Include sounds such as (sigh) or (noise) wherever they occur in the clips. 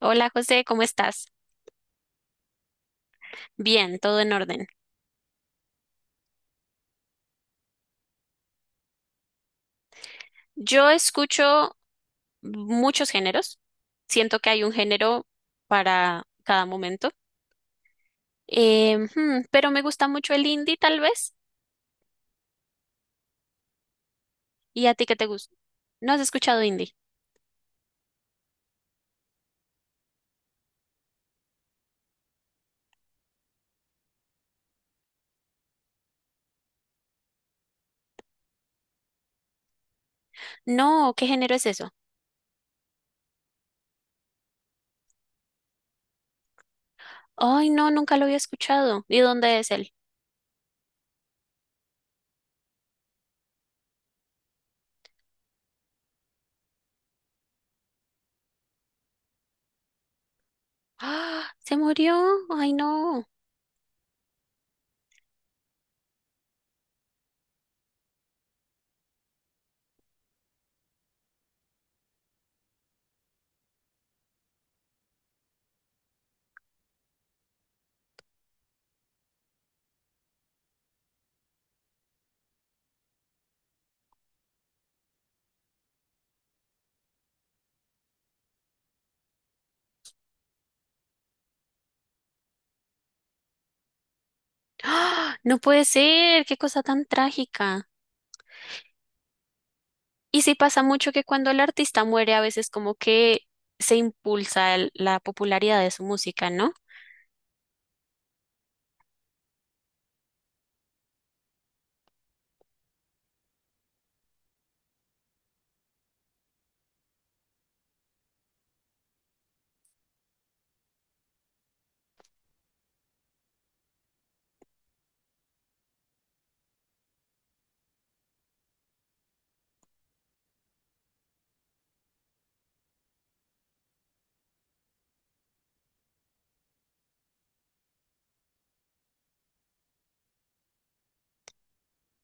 Hola José, ¿cómo estás? Bien, todo en orden. Yo escucho muchos géneros. Siento que hay un género para cada momento. Pero me gusta mucho el indie, tal vez. ¿Y a ti qué te gusta? ¿No has escuchado indie? No, ¿qué género es eso? Ay, no, nunca lo había escuchado. ¿Y dónde es él? ¡Ah! ¿Se murió? Ay, no. ¡Ah! No puede ser. Qué cosa tan trágica. Y sí pasa mucho que cuando el artista muere, a veces como que se impulsa la popularidad de su música, ¿no?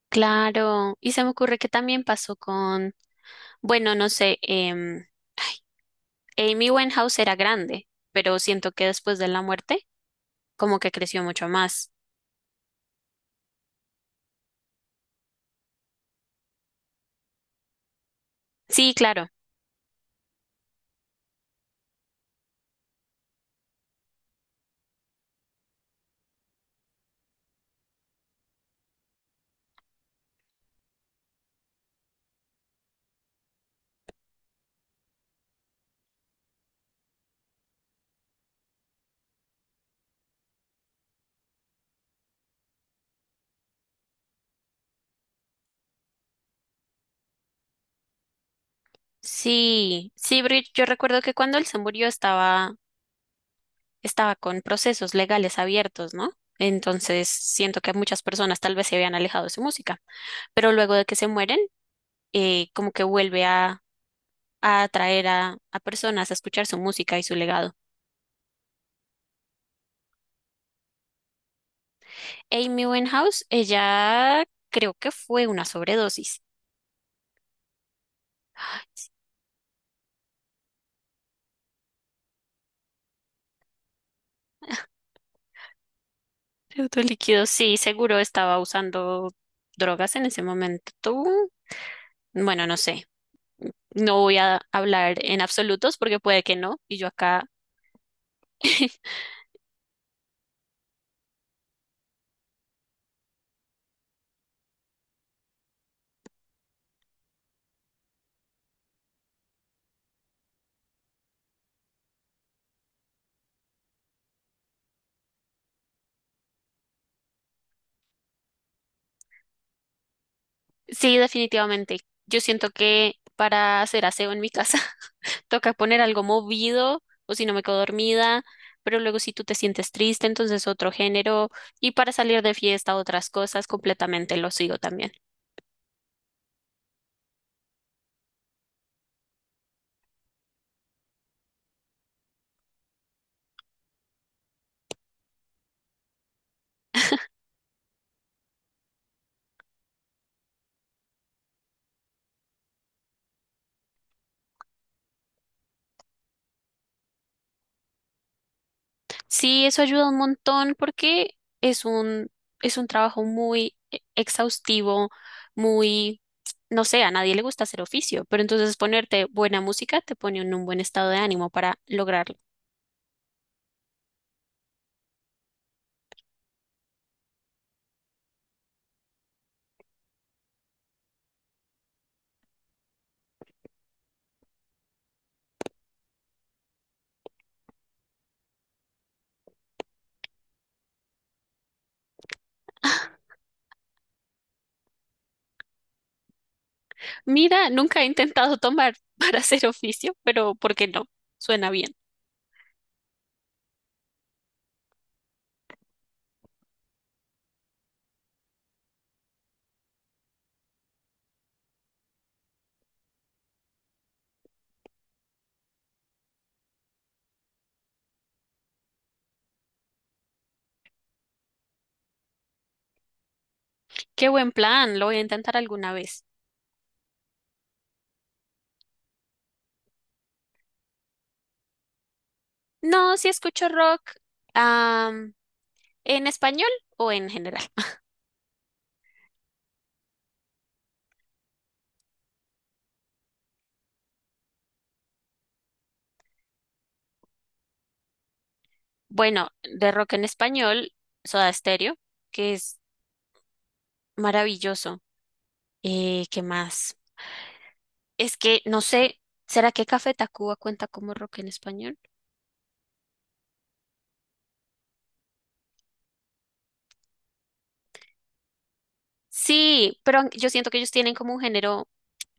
Claro, y se me ocurre que también pasó con, bueno, no sé, Amy Winehouse era grande, pero siento que después de la muerte, como que creció mucho más. Sí, claro, sí, sí, Brit, yo recuerdo que cuando él se murió estaba con procesos legales abiertos, ¿no? Entonces siento que muchas personas tal vez se habían alejado de su música, pero luego de que se mueren como que vuelve a atraer a personas a escuchar su música y su legado. Amy Winehouse, ella creo que fue una sobredosis. Líquido, sí, seguro estaba usando drogas en ese momento. Tú, bueno, no sé. No voy a hablar en absolutos porque puede que no, y yo acá. (laughs) Sí, definitivamente. Yo siento que para hacer aseo en mi casa (laughs) toca poner algo movido o si no me quedo dormida, pero luego si tú te sientes triste, entonces otro género y para salir de fiesta otras cosas, completamente lo sigo también. Sí, eso ayuda un montón porque es un, es un trabajo muy exhaustivo, muy, no sé, a nadie le gusta hacer oficio, pero entonces ponerte buena música te pone en un buen estado de ánimo para lograr. Mira, nunca he intentado tomar (laughs) para hacer oficio, pero ¿por qué no? Suena bien. Qué buen plan, lo voy a intentar alguna vez. No, si escucho rock, am, en español o en general. (laughs) Bueno, de rock en español, Soda Stereo, que es maravilloso. ¿Qué más? Es que no sé, ¿será que Café Tacuba cuenta como rock en español? Sí, pero yo siento que ellos tienen como un género,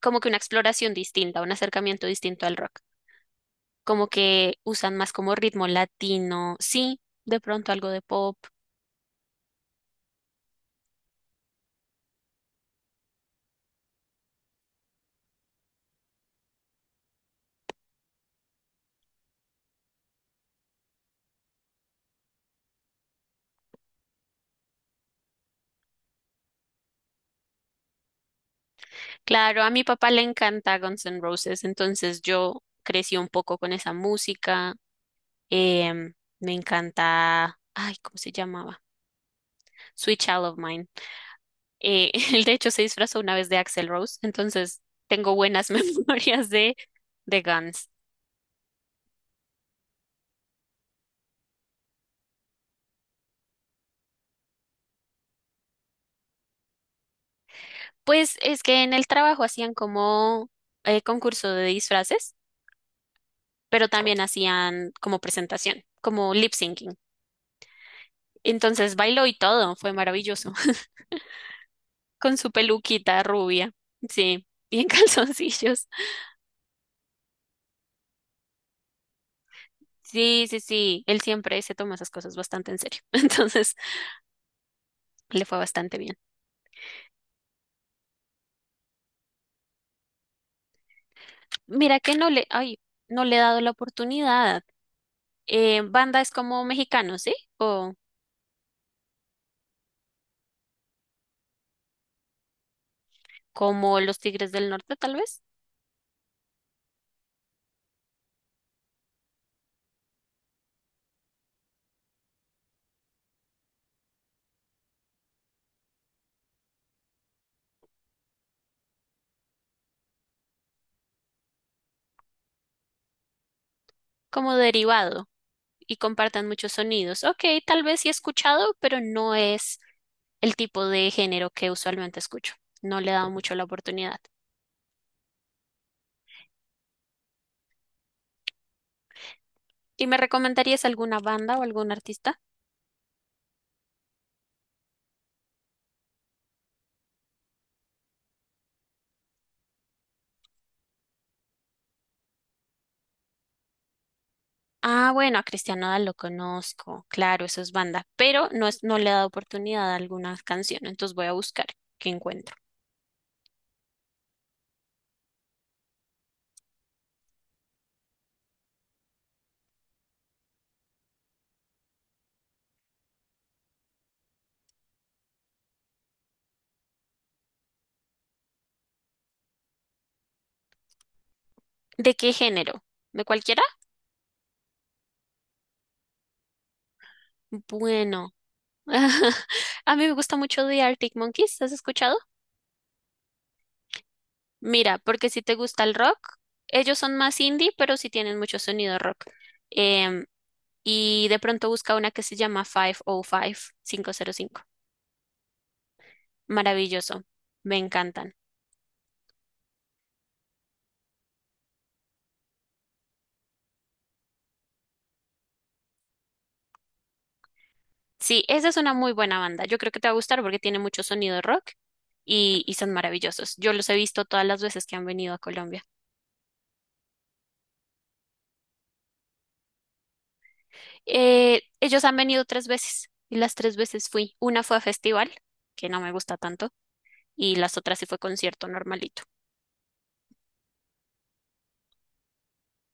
como que una exploración distinta, un acercamiento distinto al rock. Como que usan más como ritmo latino, sí, de pronto algo de pop. Claro, a mi papá le encanta Guns N' Roses, entonces yo crecí un poco con esa música. Em, Me encanta, ay, ¿cómo se llamaba? Sweet Child of Mine. (laughs) Él de hecho se disfrazó una vez de Axl Rose, entonces tengo buenas (laughs) memorias de Guns. Pues es que en el trabajo hacían como concurso de disfraces, pero también hacían como presentación, como lip syncing. Entonces bailó y todo, fue maravilloso, (laughs) con su peluquita rubia, sí, y en (laughs) calzoncillos. Sí, sí, sí, él siempre se toma esas cosas bastante en serio, (laughs) entonces le fue bastante bien. Mira que no le, ay, no le he dado la oportunidad. Banda es como mexicano, ¿sí? O como los Tigres del Norte, tal vez. Como derivado y compartan muchos sonidos. Ok, tal vez sí he escuchado, pero no es el tipo de género que usualmente escucho. No le he dado mucho la oportunidad. ¿Y me recomendarías alguna banda o algún artista? Ah, bueno, a Cristian Nodal lo conozco, claro, eso es banda, pero no, es, no le he dado oportunidad a alguna canción, entonces voy a buscar qué encuentro. ¿De qué género? ¿De cualquiera? Bueno, (laughs) a mí me gusta mucho The Arctic Monkeys, ¿has escuchado? Mira, porque si te gusta el rock, ellos son más indie, pero sí tienen mucho sonido rock. Em, Y de pronto busca una que se llama 505, cinco. Maravilloso. Me encantan. Sí, esa es una muy buena banda. Yo creo que te va a gustar porque tiene mucho sonido rock y son maravillosos. Yo los he visto todas las veces que han venido a Colombia. Ellos han venido 3 veces y las 3 veces fui. Una fue a festival, que no me gusta tanto, y las otras sí fue concierto normalito.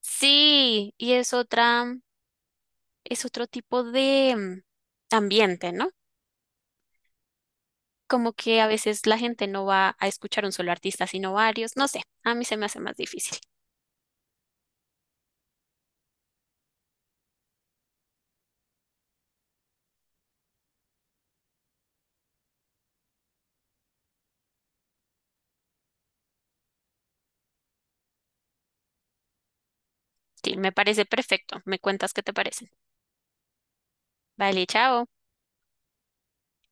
Sí, y es otro tipo de ambiente, ¿no? Como que a veces la gente no va a escuchar un solo artista, sino varios. No sé, a mí se me hace más difícil. Sí, me parece perfecto. Me cuentas qué te parecen. Vale, chao.